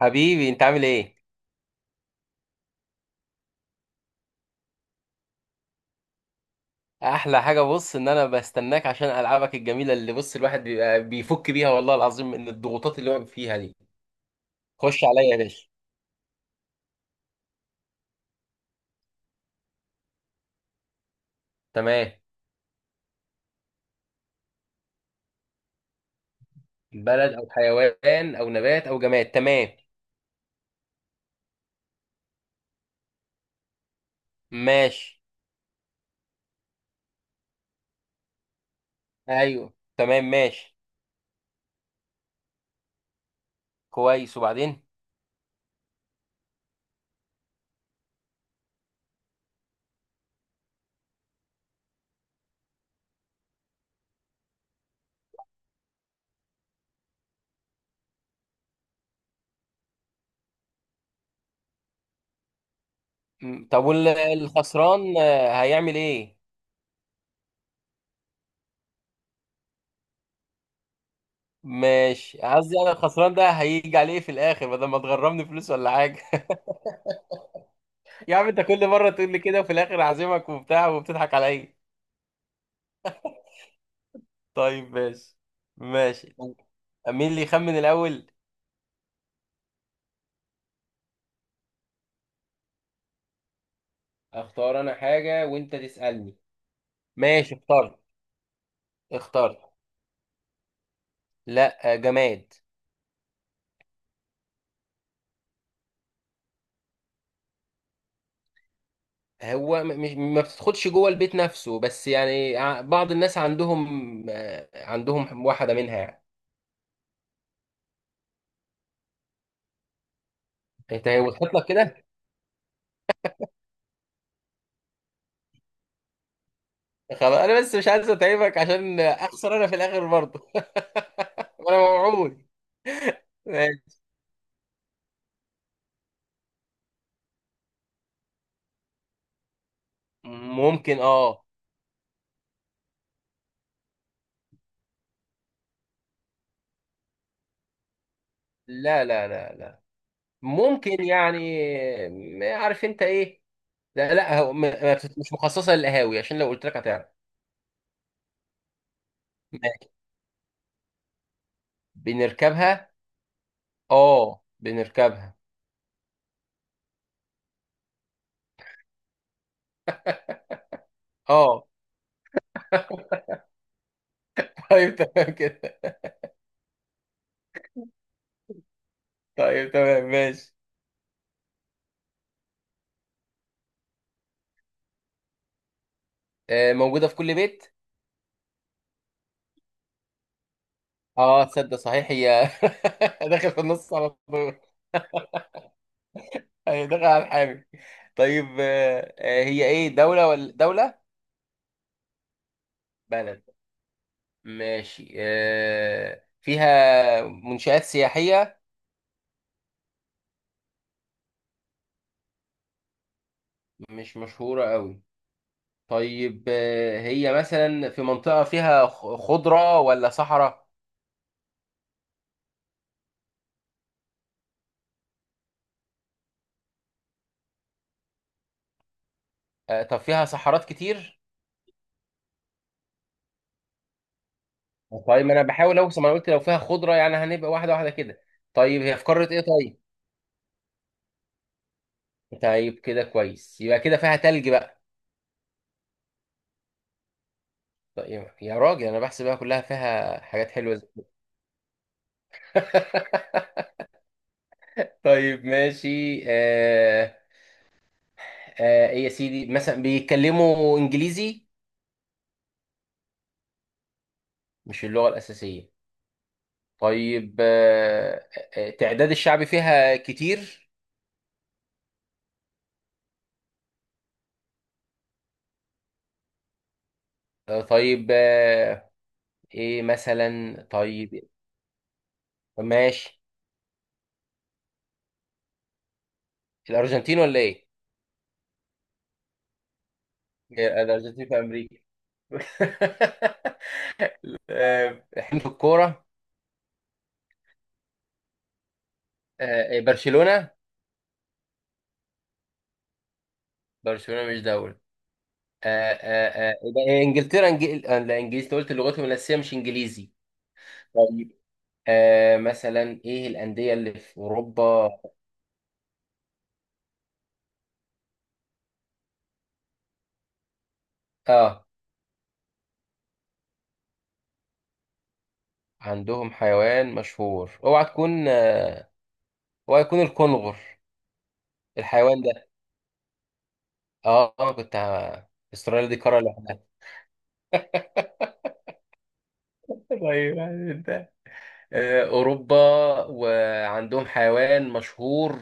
حبيبي انت عامل ايه؟ احلى حاجه، بص ان انا بستناك عشان العابك الجميله، اللي بص الواحد بيبقى بيفك بيها والله العظيم من الضغوطات اللي هو فيها دي. خش عليا يا باشا. تمام. بلد او حيوان او نبات او جماد، تمام. ماشي. ايوه، تمام، ماشي. كويس، وبعدين؟ طب الخسران هيعمل ايه؟ ماشي، قصدي انا الخسران ده هيجي عليه في الاخر، بدل ما تغرمني فلوس ولا حاجه. يا عم، انت كل مره تقول لي كده، وفي الاخر اعزمك وبتاع وبتضحك عليا. طيب، ماشي. ماشي. مين اللي يخمن الأول؟ اختار انا حاجة وانت تسألني. ماشي، اخترت. اخترت. لا، جماد. هو مش ما بتدخلش جوه البيت نفسه، بس يعني بعض الناس عندهم، عندهم واحدة منها يعني. انت وصلت لك كده. خلاص، انا بس مش عايز اتعبك عشان اخسر انا في الاخر برضه. وانا موعود. ماشي. ممكن، اه. لا لا لا لا. ممكن يعني. عارف انت ايه. لا لا، هو ما بتت- مش مخصصه للقهاوي، عشان لو قلت لك هتعرف. ماشي. بنركبها. اه، بنركبها. اه. طيب، تمام كده. طيب، تمام، ماشي. موجوده في كل بيت. اه، تصدق صحيح هي. داخل في النص على طول. هي داخل على الحامي. طيب، هي ايه، دوله ولا دوله؟ بلد. ماشي، فيها منشآت سياحيه. مش مشهوره قوي. طيب، هي مثلا في منطقة فيها خضرة ولا صحراء؟ طب فيها صحارات كتير؟ طيب، ما انا بحاول اوصل، ما انا قلت لو فيها خضرة يعني هنبقى واحدة واحدة كده. طيب، هي في قارة ايه طيب؟ طيب كده كويس، يبقى كده فيها تلج بقى. طيب يا راجل، انا بحسب بقى كلها فيها حاجات حلوة زي. طيب، ماشي. إيه يا سيدي، مثلا بيتكلموا انجليزي؟ مش اللغة الأساسية. طيب. تعداد الشعب فيها كتير؟ طيب، ايه مثلا طيب. ماشي. الارجنتين ولا ايه؟ إيه، الارجنتين في امريكا. احنا في الكوره. إيه، برشلونه. برشلونه مش دوله. يبقى إيه، انجلترا إنجل... آه، لا، انجليزي، أنت قلت لغتهم الاساسيه مش انجليزي. طيب، مثلا ايه الانديه اللي في اوروبا؟ اه، عندهم حيوان مشهور، اوعى تكون اوعى يكون الكونغر الحيوان ده. اه، كنت استراليا دي قارة لوحدها. طيب يعني انت، اوروبا، وعندهم حيوان مشهور،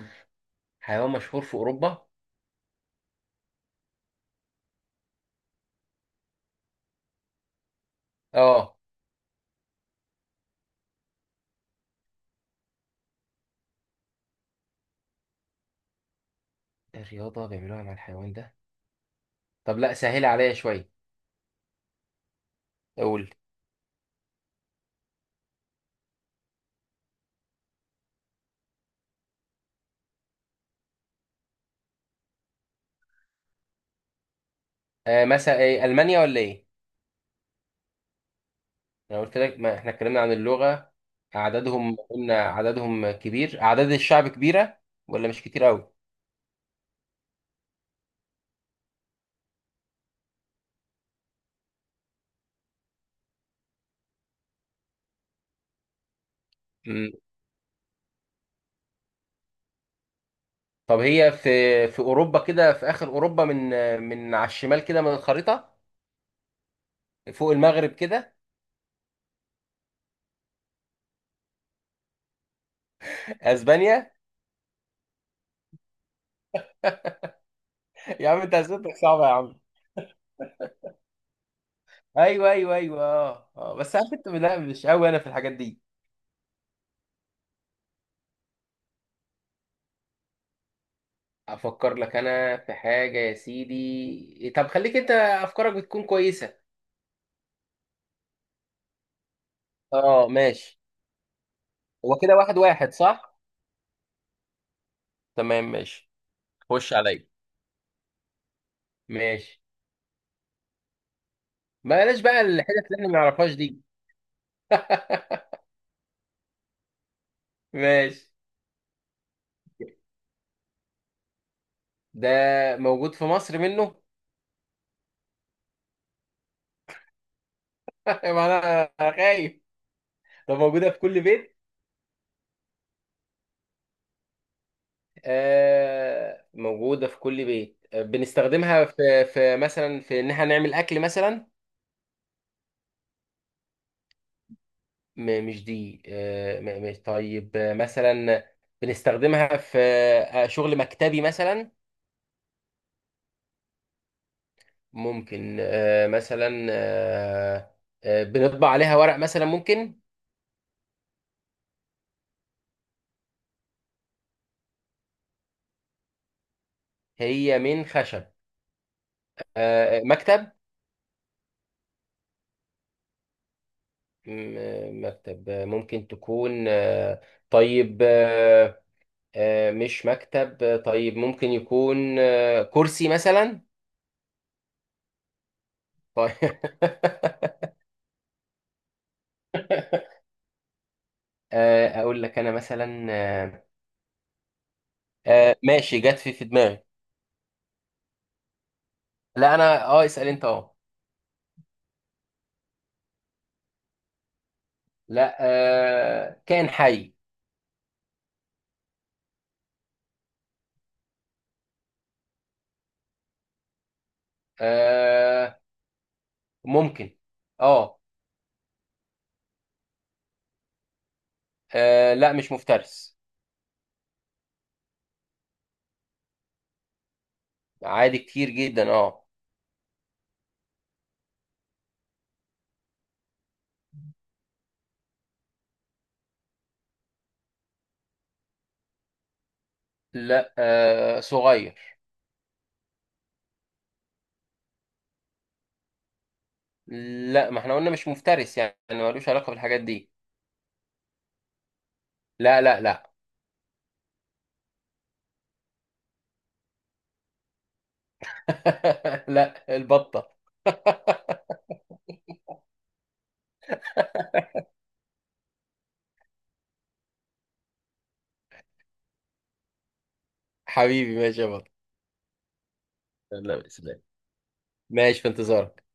حيوان مشهور في اوروبا. اه. إيه الرياضه بيعملوها مع الحيوان ده؟ طب لا، سهل عليا شويه. اقول. مثلا ايه، المانيا ولا ايه؟ انا قلت لك، ما احنا اتكلمنا عن اللغه، اعدادهم قلنا اعدادهم كبير، اعداد الشعب كبيره، ولا مش كتير قوي. مم. طب هي في، في اوروبا كده، في اخر اوروبا من، من على الشمال كده من الخريطه، فوق المغرب كده. اسبانيا. يا عم، انت اسئلتك صعبه يا عم. ايوه، ايوه، ايوه، اه، اه، بس انا كنت لا، مش قوي انا في الحاجات دي. افكر لك انا في حاجه يا سيدي، طب خليك انت، افكارك بتكون كويسه. اه ماشي. هو كده واحد واحد صح؟ تمام، ماشي. خش عليا. ماشي. بلاش بقى الحتت اللي احنا ما نعرفهاش دي. ماشي. ده موجود في مصر منه. ما انا خايف. ده موجوده في كل بيت. موجودة في كل بيت، بنستخدمها في مثلا، في إن إحنا نعمل أكل مثلا. مش دي. مش. طيب، مثلا بنستخدمها في شغل مكتبي مثلا. ممكن. مثلا بنطبع عليها ورق مثلا، ممكن. هي من خشب؟ مكتب. مكتب ممكن تكون. طيب مش مكتب. طيب ممكن يكون كرسي مثلا. طيب. اقول لك انا مثلا ماشي، جت في دماغي. لا، انا اه، اسال انت اه. لا، كائن حي. آه، ممكن. اه. لا مش مفترس. عادي، كتير جدا اه. لا، صغير. لا، ما احنا قلنا مش مفترس، يعني ملوش علاقة بالحاجات دي. لا لا لا. لا، البطة. حبيبي ماشي يا بطة. لا، بإذن الله. ماشي، في انتظارك.